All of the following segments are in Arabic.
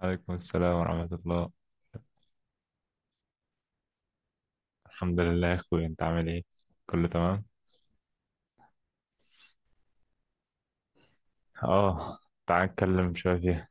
عليكم السلام ورحمة الله. الحمد لله يا أخوي، أنت عامل إيه؟ كله تمام؟ آه. تعال نتكلم شوية فيها.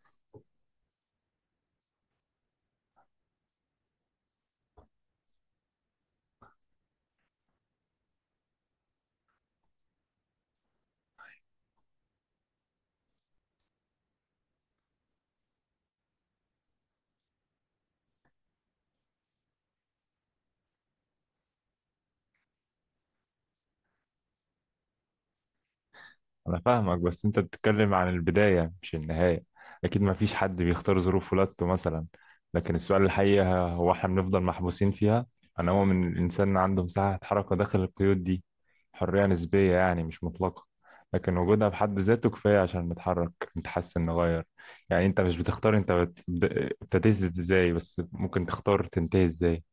انا فاهمك، بس انت بتتكلم عن البداية مش النهاية. اكيد ما فيش حد بيختار ظروف ولادته مثلا، لكن السؤال الحقيقي هو احنا بنفضل محبوسين فيها. انا مؤمن ان الانسان عنده مساحة حركة داخل القيود دي، حرية نسبية يعني، مش مطلقة، لكن وجودها بحد ذاته كفاية عشان نتحرك، نتحسن، نغير. يعني انت مش بتختار، ابتديت ازاي، بس ممكن تختار تنتهي ازاي.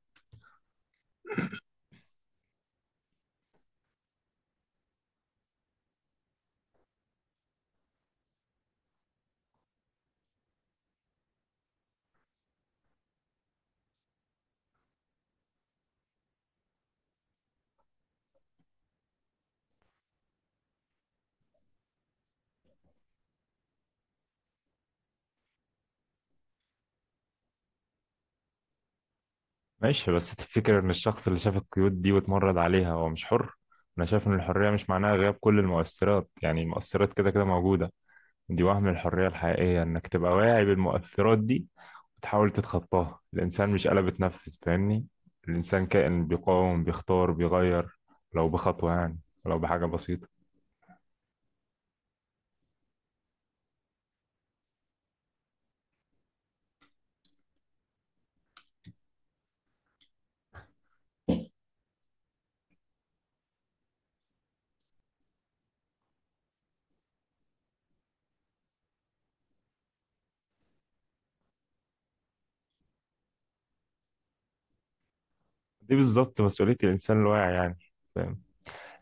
ماشي، بس تفتكر ان الشخص اللي شاف القيود دي واتمرد عليها هو مش حر؟ انا شايف ان الحرية مش معناها غياب كل المؤثرات، يعني المؤثرات كده كده موجودة، دي وهم. الحرية الحقيقية انك تبقى واعي بالمؤثرات دي وتحاول تتخطاها. الانسان مش آلة بتنفذ، فاهمني؟ الانسان كائن بيقاوم، بيختار، بيغير، لو بخطوة يعني، لو بحاجة بسيطة. دي بالظبط مسؤولية الانسان الواعي، يعني، فاهم؟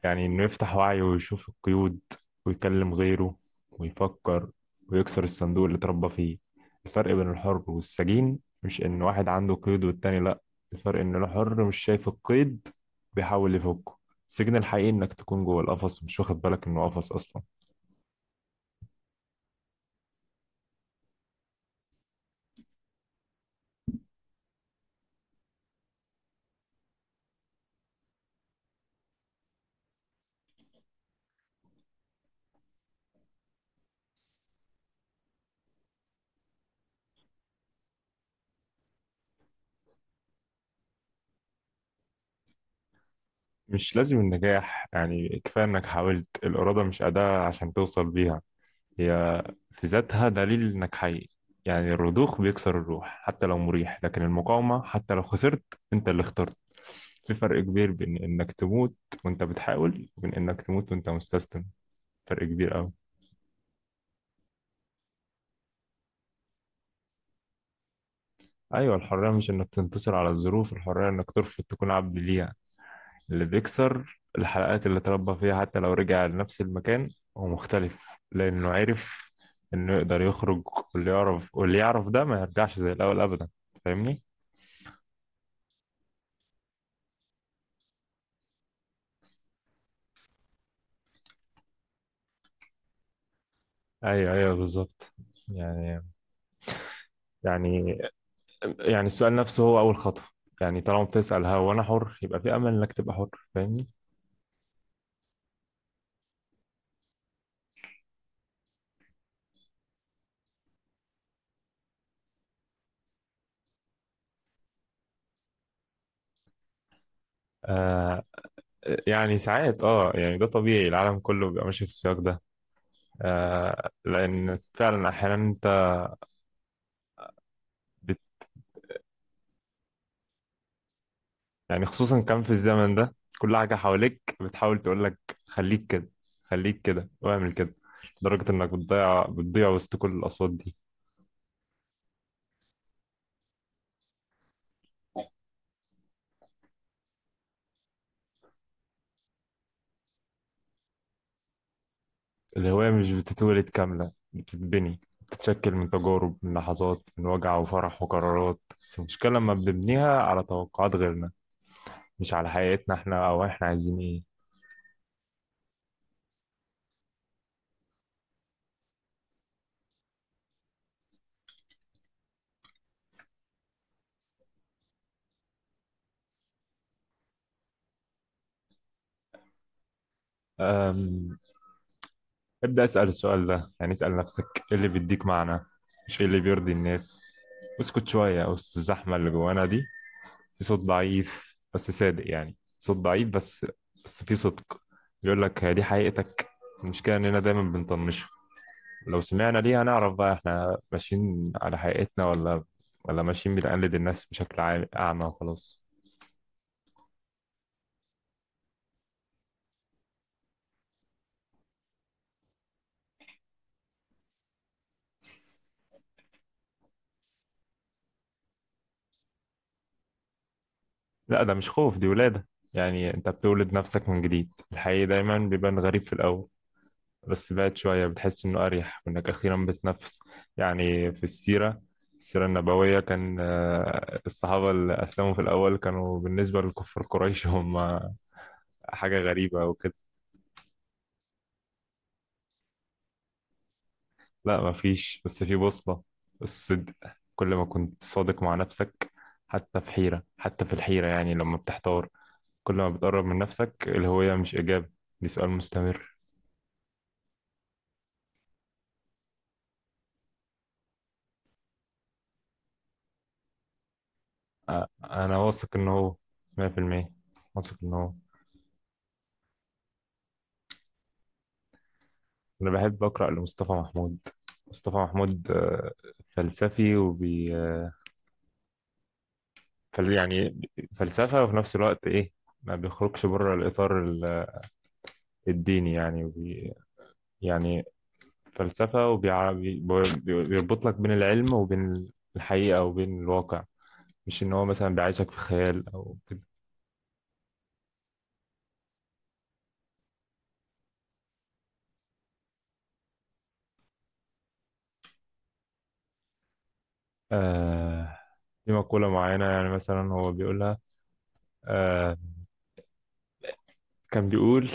يعني إنه يفتح وعيه ويشوف القيود، ويكلم غيره، ويفكر، ويكسر الصندوق اللي اتربى فيه. الفرق بين الحر والسجين مش إن واحد عنده قيد والتاني لأ، الفرق إن الحر مش شايف القيد، بيحاول يفكه. السجن الحقيقي إنك تكون جوه القفص ومش واخد بالك إنه قفص أصلا. مش لازم النجاح، يعني كفاية إنك حاولت. الإرادة مش أداة عشان توصل بيها، هي في ذاتها دليل انك حي. يعني الرضوخ بيكسر الروح حتى لو مريح، لكن المقاومة حتى لو خسرت، انت اللي اخترت. في فرق كبير بين انك تموت وانت بتحاول، وبين انك تموت وانت مستسلم. فرق كبير قوي. ايوه، الحرية مش انك تنتصر على الظروف، الحرية انك ترفض تكون عبد ليها. اللي بيكسر الحلقات اللي تربى فيها حتى لو رجع لنفس المكان، هو مختلف، لانه عرف انه يقدر يخرج. واللي يعرف ده ما يرجعش زي الاول ابدا، فاهمني؟ ايوه، ايوه، بالظبط. يعني يعني يعني السؤال نفسه هو اول خطوه، يعني طالما بتسأل هو انا حر، يبقى في امل انك تبقى حر، فاهمني؟ آه يعني ساعات يعني ده طبيعي، العالم كله بيبقى ماشي في السياق ده. لان فعلا احيانا انت بت يعني خصوصا كان في الزمن ده كل حاجه حواليك بتحاول تقول لك: خليك كده، خليك كده واعمل كده، لدرجه انك بتضيع بتضيع وسط كل الاصوات دي. الهواية مش بتتولد كاملة، بتتبني، بتتشكل من تجارب، من لحظات، من وجع وفرح وقرارات. بس المشكلة لما بنبنيها على توقعات غيرنا، مش على حياتنا احنا، أو احنا عايزين ايه. أم... ابدأ اسأل السؤال ده، يعني اسأل نفسك: ايه اللي بيديك معنى؟ مش ايه اللي بيرضي الناس. اسكت شوية وسط الزحمة اللي جوانا دي. في صوت ضعيف بس صادق، يعني صوت ضعيف، بس في صدق، بيقول لك: هي دي حقيقتك. المشكلة إننا دايما بنطنشه. لو سمعنا ليها نعرف بقى احنا ماشيين على حقيقتنا ولا ماشيين بنقلد الناس بشكل أعمى وخلاص. لا، ده مش خوف، دي ولادة. يعني انت بتولد نفسك من جديد. الحقيقي دايما بيبان غريب في الأول، بس بعد شوية بتحس إنه أريح وإنك أخيرا بتنفس. يعني في السيرة النبوية، كان الصحابة اللي أسلموا في الأول كانوا بالنسبة لكفار قريش هم حاجة غريبة وكده. لا مفيش، بس في بوصلة: الصدق. كل ما كنت صادق مع نفسك، حتى في الحيرة يعني لما بتحتار، كل ما بتقرب من نفسك. الهوية مش إجابة، دي سؤال مستمر. أ- أنا واثق إن هو 100%، واثق إن هو. أنا بحب أقرأ لمصطفى محمود. مصطفى محمود، فلسفي وبي آه، يعني فلسفة، وفي نفس الوقت إيه، ما بيخرجش بره الإطار الديني يعني، يعني فلسفة، وبيربط لك بين العلم وبين الحقيقة وبين الواقع، مش إن هو مثلا بيعيشك في خيال أو كده. آه. في مقولة معينة، يعني مثلا هو بيقولها. آه. كان بيقول: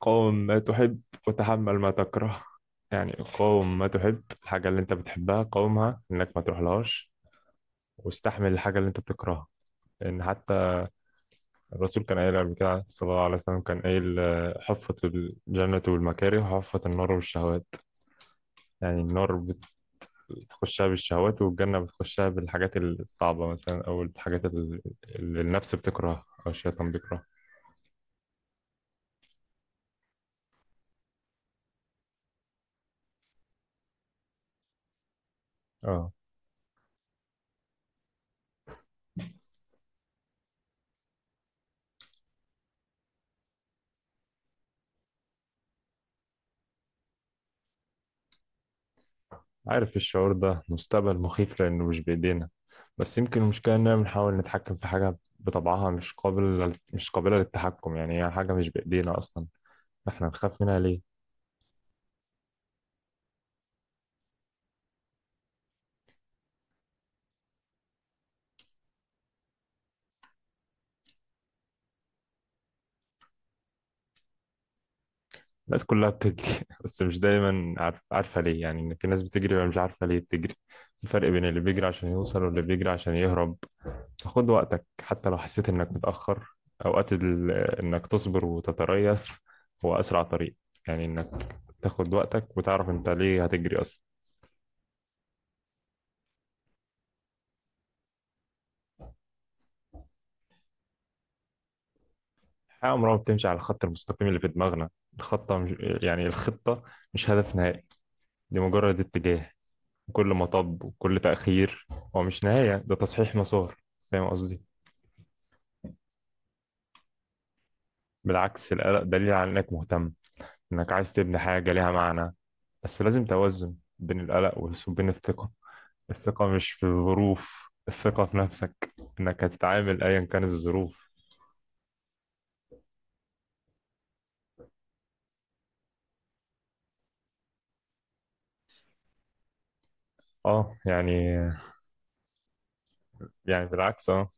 قاوم ما تحب، وتحمل ما تكره. يعني قاوم ما تحب، الحاجة اللي أنت بتحبها قاومها إنك ما تروحلهاش، واستحمل الحاجة اللي أنت بتكرهها. لأن حتى الرسول كان قايل قبل كده، صلى الله عليه وسلم، كان قايل حفت الجنة والمكاره، وحفت النار والشهوات. يعني النار بتخشها بالشهوات، والجنة بتخشها بالحاجات الصعبة مثلا، أو الحاجات اللي النفس بتكرهها أو الشيطان بيكرهها. اه عارف الشعور ده؟ مستقبل مخيف لأنه مش بإيدينا، بس يمكن المشكلة إننا بنحاول نتحكم في حاجة بطبعها مش قابلة للتحكم، يعني هي حاجة مش بإيدينا أصلا، إحنا نخاف منها ليه؟ الناس كلها بتجري بس مش دايما عارفة ليه، يعني إن في ناس بتجري ومش عارفة ليه بتجري. في فرق بين اللي بيجري عشان يوصل واللي بيجري عشان يهرب. خد وقتك حتى لو حسيت انك متأخر. اوقات ال... آه، انك تصبر وتتريث هو اسرع طريق، يعني انك تاخد وقتك وتعرف انت ليه هتجري اصلا. الحياة عمرها ما بتمشي على الخط المستقيم اللي في دماغنا. الخطة مش... آه، يعني الخطة مش هدف نهائي، دي مجرد اتجاه. كل مطب وكل تأخير هو مش نهاية، ده تصحيح مسار، فاهم قصدي؟ بالعكس، القلق دليل على انك مهتم، انك عايز تبني حاجة ليها معنى. بس لازم توازن بين القلق وبين الثقة. الثقة مش في الظروف، الثقة في نفسك، إنك هتتعامل أيا كانت الظروف. اه يعني يعني بالعكس